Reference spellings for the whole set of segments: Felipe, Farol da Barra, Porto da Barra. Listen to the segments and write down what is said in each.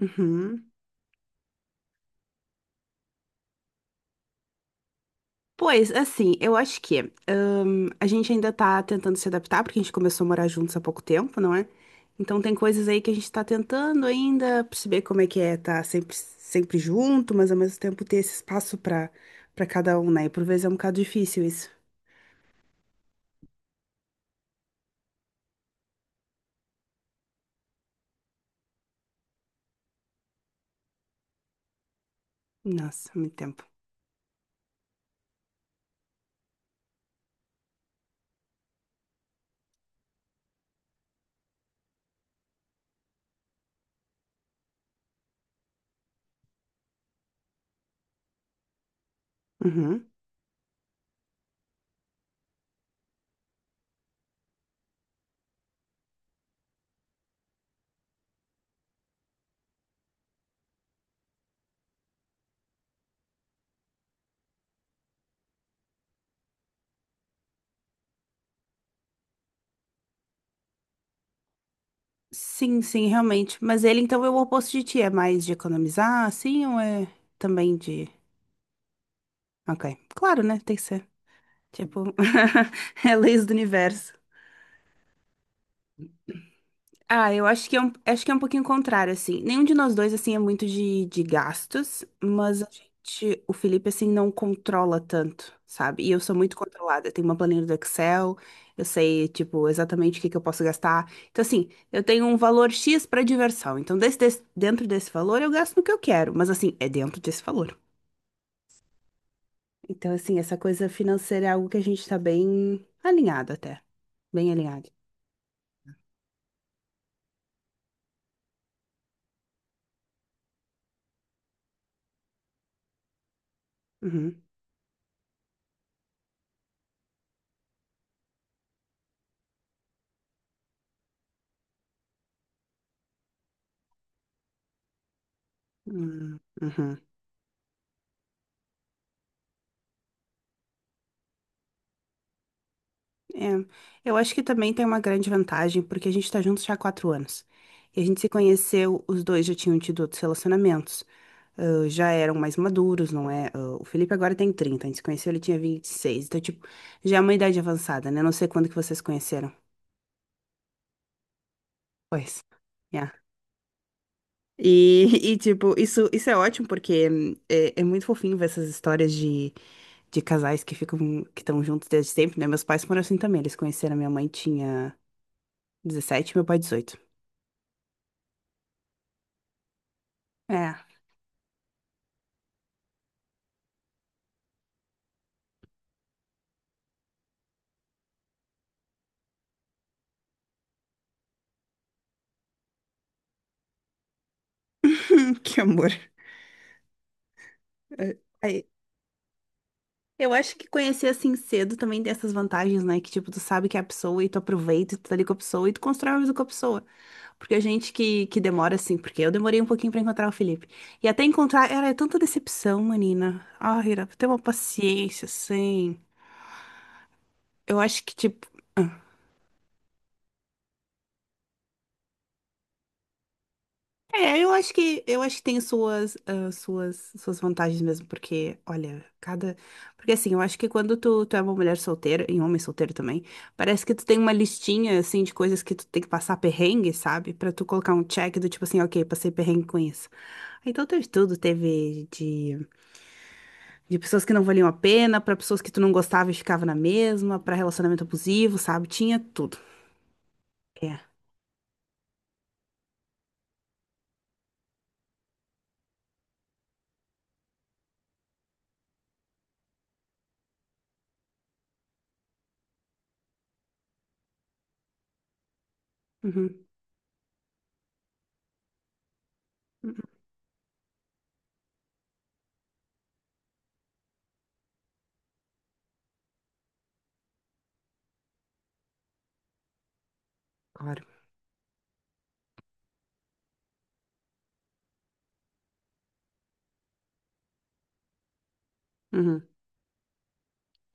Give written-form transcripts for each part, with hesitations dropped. Uhum. Pois, assim, eu acho que a gente ainda tá tentando se adaptar, porque a gente começou a morar juntos há pouco tempo, não é? Então tem coisas aí que a gente tá tentando ainda perceber como é que é tá sempre, sempre junto, mas ao mesmo tempo ter esse espaço pra cada um, né? E por vezes é um bocado difícil isso. Nossa, muito tempo. Uhum. Sim, sim, realmente. Mas ele então é o oposto de ti, é mais de economizar, assim, ou é também de. Ok. Claro, né? Tem que ser. Tipo, é leis do universo. Ah, eu acho que é um, acho que é um pouquinho contrário, assim. Nenhum de nós dois, assim, é muito de gastos, mas a gente, o Felipe, assim, não controla tanto, sabe? E eu sou muito controlada. Eu tenho uma planilha do Excel, eu sei, tipo, exatamente o que que eu posso gastar. Então, assim, eu tenho um valor X pra diversão. Então, dentro desse valor, eu gasto no que eu quero, mas, assim, é dentro desse valor. Então, assim, essa coisa financeira é algo que a gente tá bem alinhado até. Bem alinhado. Uhum. Uhum. Uhum. É, eu acho que também tem uma grande vantagem, porque a gente tá juntos já há 4 anos. E a gente se conheceu, os dois já tinham tido outros relacionamentos, ah, já eram mais maduros, não é? Ah, o Felipe agora tem 30, a gente se conheceu, ele tinha 26. Então, tipo, já é uma idade avançada, né? Não sei quando que vocês se conheceram. Pois. Yeah. E, e, tipo, isso é ótimo porque é muito fofinho ver essas histórias de casais que ficam, que estão juntos desde sempre, né? Meus pais foram assim também, eles conheceram minha mãe tinha 17, meu pai 18. É. Que amor. É, aí, eu acho que conhecer assim cedo também tem essas vantagens, né? Que tipo, tu sabe que é a pessoa e tu aproveita, e tu tá ali com a pessoa e tu constrói uma vida com a pessoa. Porque a gente que demora assim, porque eu demorei um pouquinho pra encontrar o Felipe. E até encontrar, era é tanta decepção, menina. Ai, era pra ter uma paciência, assim. Eu acho que tipo. É, eu acho que tem suas vantagens mesmo, porque, olha, cada. Porque assim, eu acho que quando tu é uma mulher solteira, e um homem solteiro também, parece que tu tem uma listinha assim de coisas que tu tem que passar perrengue, sabe? Pra tu colocar um check do tipo assim, ok, passei perrengue com isso. Então teve tudo, teve de pessoas que não valiam a pena, pra pessoas que tu não gostava e ficava na mesma, pra relacionamento abusivo, sabe? Tinha tudo. É. Uhum. Uhum. Claro. Uhum.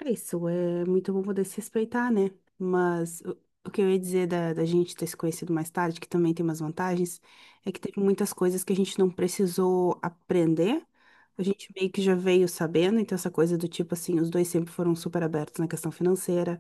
É isso, é muito bom poder se respeitar, né? Mas o que eu ia dizer da gente ter se conhecido mais tarde, que também tem umas vantagens, é que teve muitas coisas que a gente não precisou aprender, a gente meio que já veio sabendo, então essa coisa do tipo assim, os dois sempre foram super abertos na questão financeira.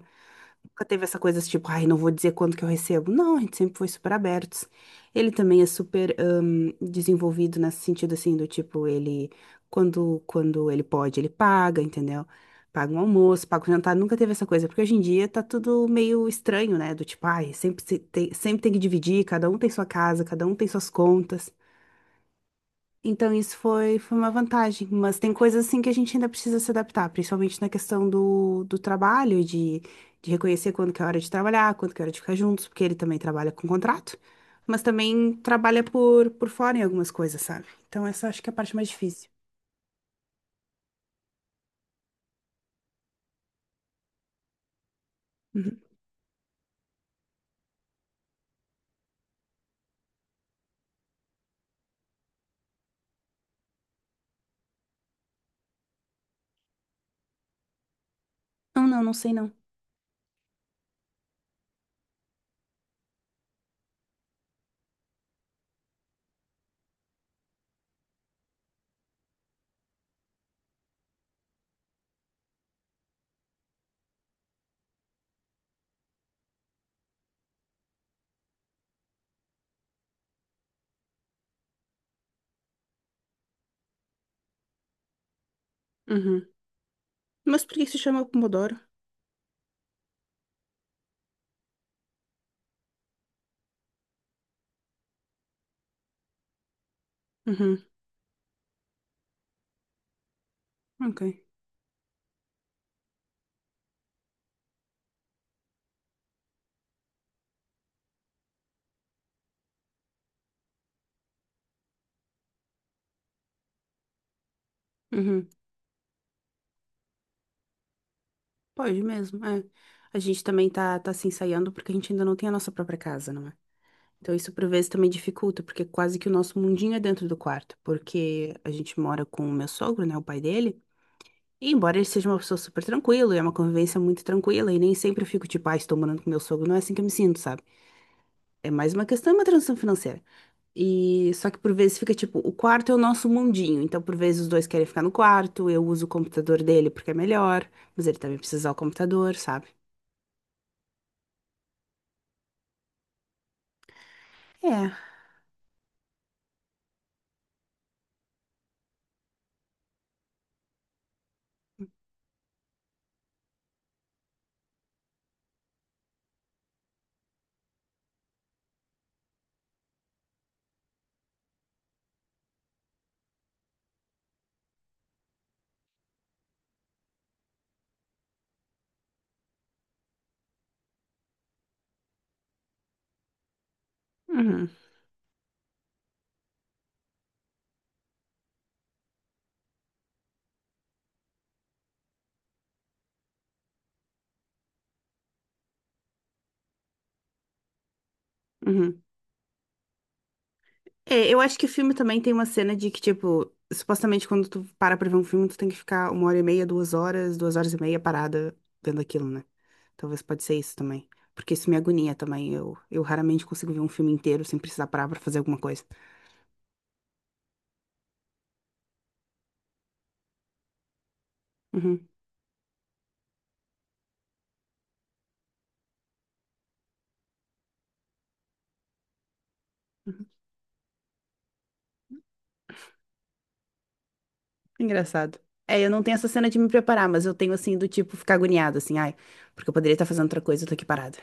Nunca teve essa coisa assim, tipo, ai, não vou dizer quanto que eu recebo. Não, a gente sempre foi super abertos. Ele também é super desenvolvido nesse sentido assim, do tipo, ele, quando ele pode, ele paga, entendeu? Paga um almoço, paga um jantar, nunca teve essa coisa, porque hoje em dia tá tudo meio estranho, né? Do tipo, ai, sempre, se tem, sempre tem que dividir, cada um tem sua casa, cada um tem suas contas. Então isso foi, foi uma vantagem, mas tem coisas assim que a gente ainda precisa se adaptar, principalmente na questão do, trabalho, de reconhecer quando que é hora de trabalhar, quando que é hora de ficar juntos, porque ele também trabalha com contrato, mas também trabalha por fora em algumas coisas, sabe? Então essa acho que é a parte mais difícil. Uhum. Não, não, não sei não. Uhum. Mas por que que se chama Pomodoro? Uhum. Ok. Uhum. Pode mesmo, é. A gente também tá se ensaiando porque a gente ainda não tem a nossa própria casa, não é? Então, isso por vezes também dificulta, porque quase que o nosso mundinho é dentro do quarto, porque a gente mora com o meu sogro, né, o pai dele, e embora ele seja uma pessoa super tranquila, e é uma convivência muito tranquila, e nem sempre eu fico tipo, ah, estou morando com meu sogro, não é assim que eu me sinto, sabe? É mais uma questão, é uma transição financeira. E só que por vezes fica tipo, o quarto é o nosso mundinho, então por vezes os dois querem ficar no quarto, eu uso o computador dele porque é melhor, mas ele também precisa usar o computador, sabe? É. Uhum. Uhum. É, eu acho que o filme também tem uma cena de que, tipo, supostamente quando tu para pra ver um filme, tu tem que ficar 1h30, 2 horas, 2h30 parada vendo aquilo, né? Talvez pode ser isso também. Porque isso me agonia também. Eu raramente consigo ver um filme inteiro sem precisar parar pra fazer alguma coisa. Uhum. Engraçado. É, eu não tenho essa cena de me preparar, mas eu tenho assim do tipo ficar agoniada, assim, ai, porque eu poderia estar fazendo outra coisa, eu tô aqui parada.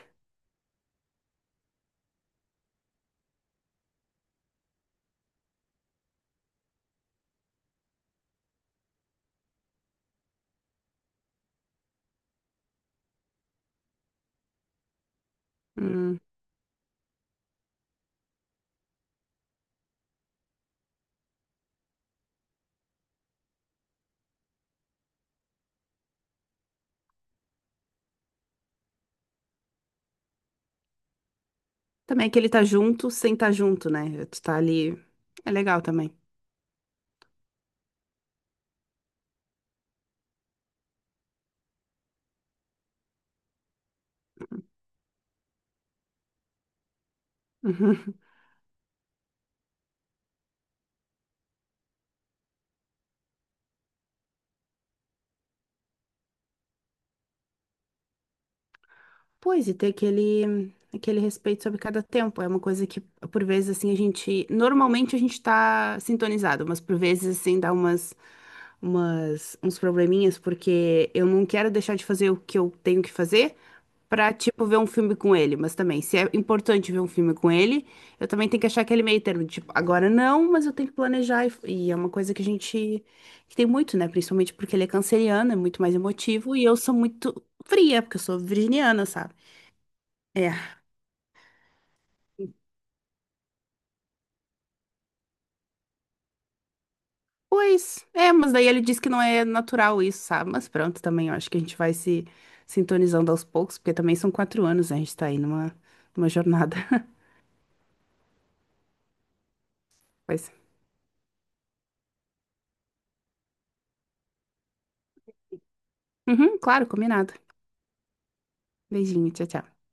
Hum. Também é que ele tá junto sem estar junto, né? Tu tá ali. É legal também. Pois, e ter aquele respeito sobre cada tempo. É uma coisa que, por vezes, assim, a gente. Normalmente a gente tá sintonizado, mas por vezes, assim, dá umas, uns probleminhas, porque eu não quero deixar de fazer o que eu tenho que fazer pra, tipo, ver um filme com ele. Mas também, se é importante ver um filme com ele, eu também tenho que achar aquele meio termo. Tipo, agora não, mas eu tenho que planejar. E é uma coisa que a gente. Que tem muito, né? Principalmente porque ele é canceriano, é muito mais emotivo, e eu sou muito fria, porque eu sou virginiana, sabe? É, pois, é, mas daí ele diz que não é natural isso, sabe? Mas pronto, também eu acho que a gente vai se sintonizando aos poucos, porque também são 4 anos, né? A gente tá aí numa, numa jornada. Pois. Uhum, claro, combinado. Beijinho, tchau, tchau.